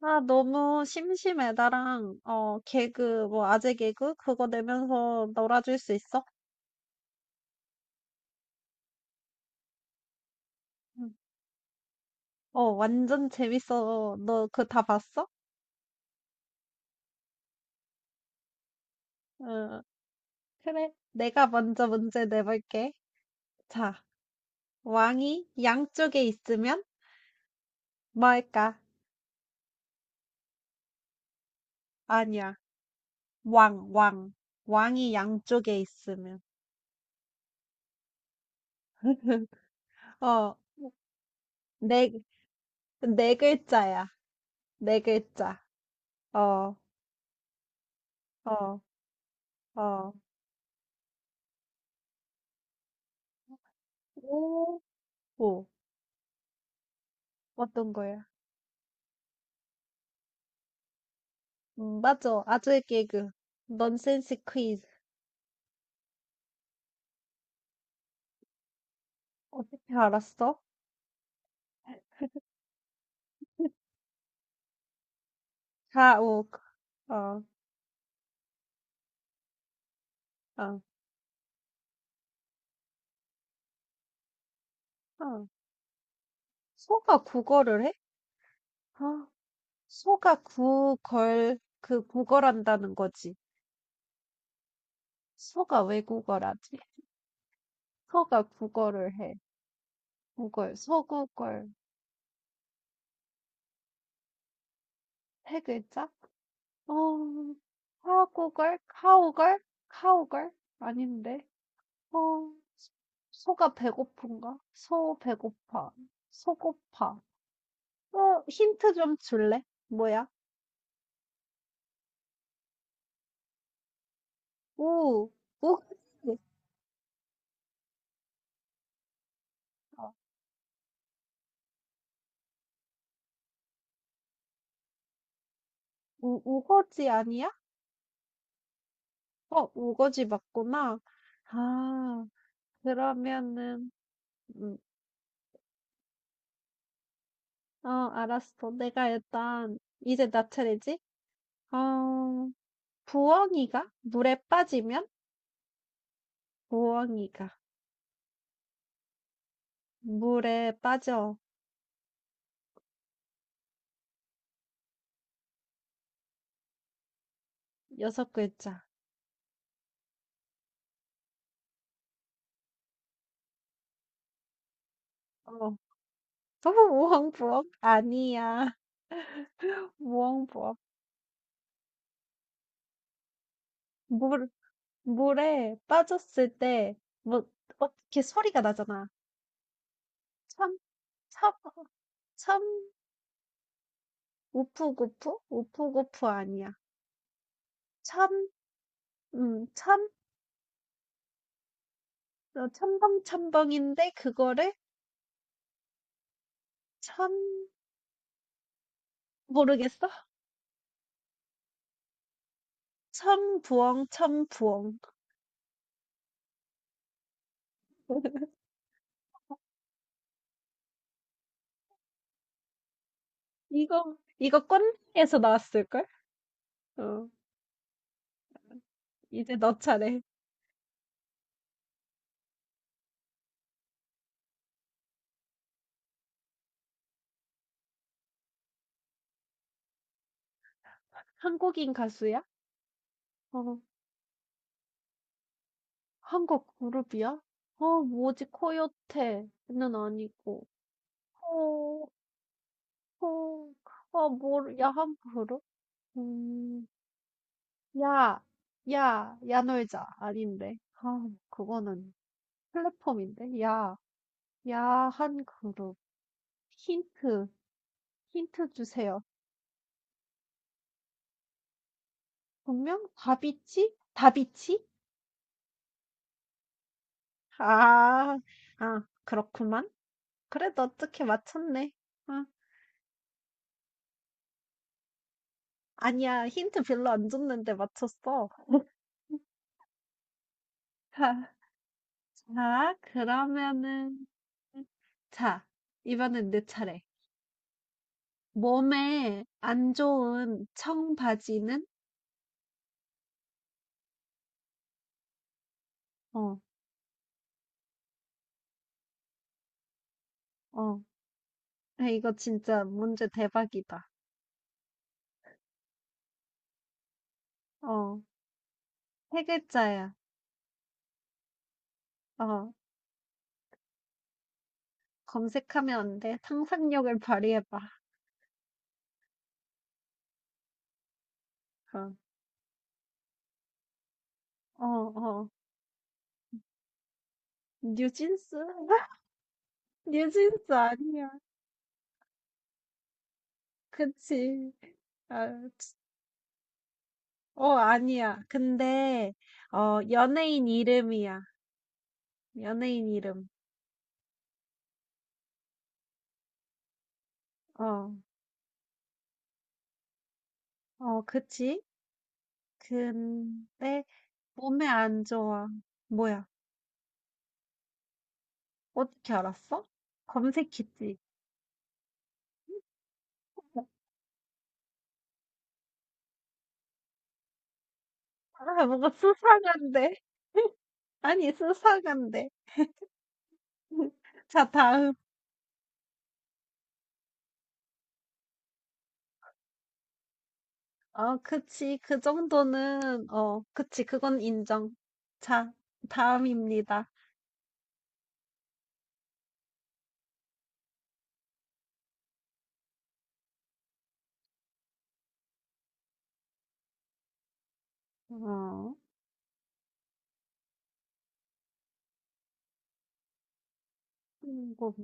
아, 너무 심심해. 나랑, 개그, 뭐, 아재 개그? 그거 내면서 놀아줄 수 있어? 응. 완전 재밌어. 너 그거 다 봤어? 응. 그래. 내가 먼저 문제 내볼게. 자, 왕이 양쪽에 있으면 뭘까? 아니야. 왕, 왕. 왕이 양쪽에 있으면. 어, 네, 네 글자야. 네 글자. 어, 어, 어. 오, 오. 어떤 거야? 맞아. 아재 개그. 넌센스 퀴즈. 어떻게 알았어? 자, 오, 아, 아, 아. 소가 국어를 해? 아, 소가 구걸, 그 구걸한다는 거지. 소가 왜 구걸하지? 소가 국어를 해. 구걸, 소구걸. 세 글자? 어, 사구걸? 카오걸? 카오걸? 아닌데. 어, 소가 배고픈가? 소 배고파. 소고파. 어, 힌트 좀 줄래? 뭐야? 우, 우거지. 어, 우, 우거지 아니야? 어, 우거지 맞구나. 아, 그러면은, 음, 어, 알았어. 내가 일단, 이제 나 차례지? 어, 부엉이가? 물에 빠지면? 부엉이가. 물에 빠져. 여섯 글자. 어, 우엉부엉? 아니야. 우엉부엉. 물, 물에 빠졌을 때 뭐 어떻게 소리가 나잖아. 참, 참, 참, 우프구프? 우프구프 아니야. 참, 참, 어, 첨벙첨벙인데 그거를 참 모르겠어? 참부엉, 참부엉. 이거, 이거 꼰대에서 나왔을걸? 어, 이제 너 차례. 한국인 가수야? 어, 한국 그룹이야? 뭐지, 코요테는 아니고. 어, 어. 아 뭘 야한 그룹? 음. 야. 야. 야 놀자. 아닌데. 아, 그거는 플랫폼인데. 야. 야한 그룹. 힌트. 힌트 주세요. 분명 다비치? 다비치? 아. 아, 그렇구만. 그래도 어떻게 맞췄네. 아, 아니야. 힌트 별로 안 줬는데 맞췄어. 자, 자, 그러면은 자, 이번엔 내 차례. 몸에 안 좋은 청바지는? 어, 어. 야, 이거 진짜 문제 대박이다. 어, 세 글자야. 어, 검색하면 안 돼. 상상력을 발휘해봐. 어, 어, 어. 뉴진스? 뉴진스 아니야. 그치. 아, 치- 어, 아니야. 근데, 연예인 이름이야. 연예인 이름. 어, 어, 그치? 근데, 몸에 안 좋아. 뭐야? 어떻게 알았어? 검색했지. 아, 뭔가 수상한데? 아니, 수상한데. 자, 다음. 어, 그치. 그 정도는, 어, 그치. 그건 인정. 자, 다음입니다. 어, 이거,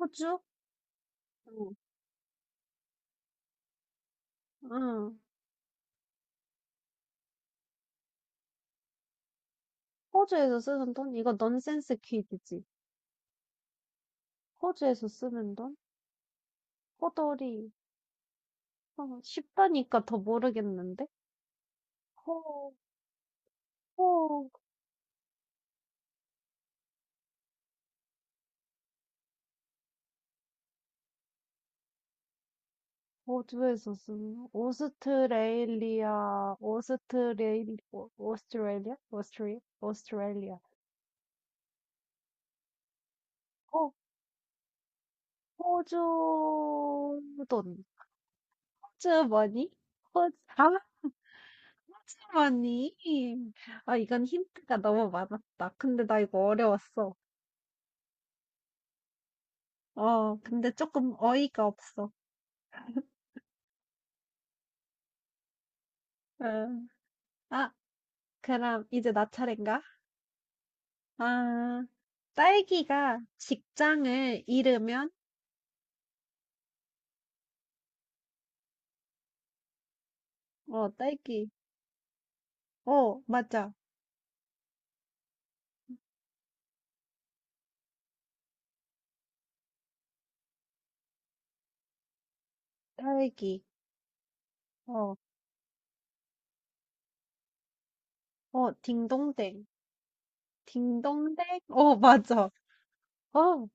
호주? 응, 응. 호주에서 쓰는 돈? 이거 넌센스 퀴즈지. 호주에서 쓰는 돈? 호돌이. 어, 쉽다니까 더 모르겠는데? 호, 호. 호주에서쓰는 오스트레일리아, 오스트레일, 오- 오스트레일리아? 오스트리, 오스트레일리아. 어, 호주 돈. 호주 머니? 호주, 아, 호주 머니. 아, 이건 힌트가 너무 많았다. 근데 나 이거 어려웠어. 근데 조금 어이가 없어. 응. 아, 그럼 이제 나 차례인가? 아, 딸기가 직장을 잃으면, 딸기. 어, 맞아. 딸기. 어, 어, 딩동댕. 딩동댕? 어, 맞아. 어,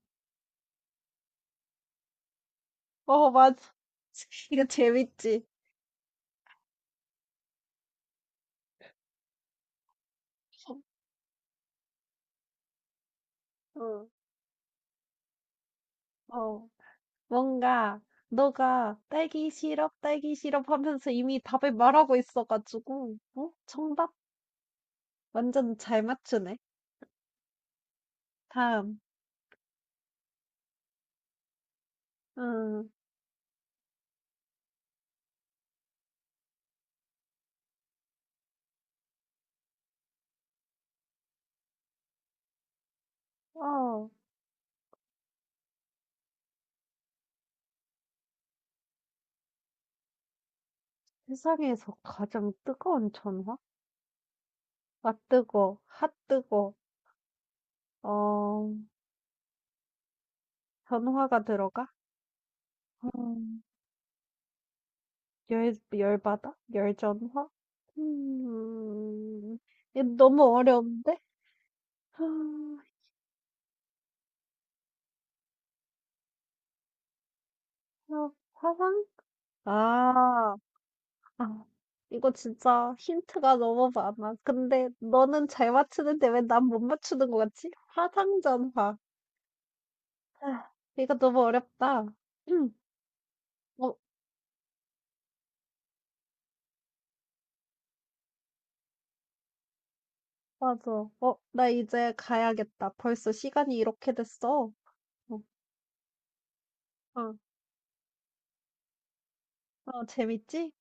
어, 맞아. 이거 재밌지? 어, 어. 뭔가, 너가 딸기 시럽, 딸기 시럽 하면서 이미 답을 말하고 있어가지고, 어? 정답? 완전 잘 맞추네. 다음. 음, 어, 세상에서 가장 뜨거운 전화? 아, 뜨거. 핫 뜨거. 어, 전화가 들어가? 음. 열, 열받아? 열전화? 음, 이거 너무 어려운데? 아, 이거 화상? 아, 아, 이거 진짜 힌트가 너무 많아. 근데 너는 잘 맞추는데 왜 난 못 맞추는 것 같지? 화상전화. 아, 이거 너무 어렵다. 음, 어, 맞아. 어, 나 이제 가야겠다. 벌써 시간이 이렇게 됐어. 어, 어, 어, 재밌지?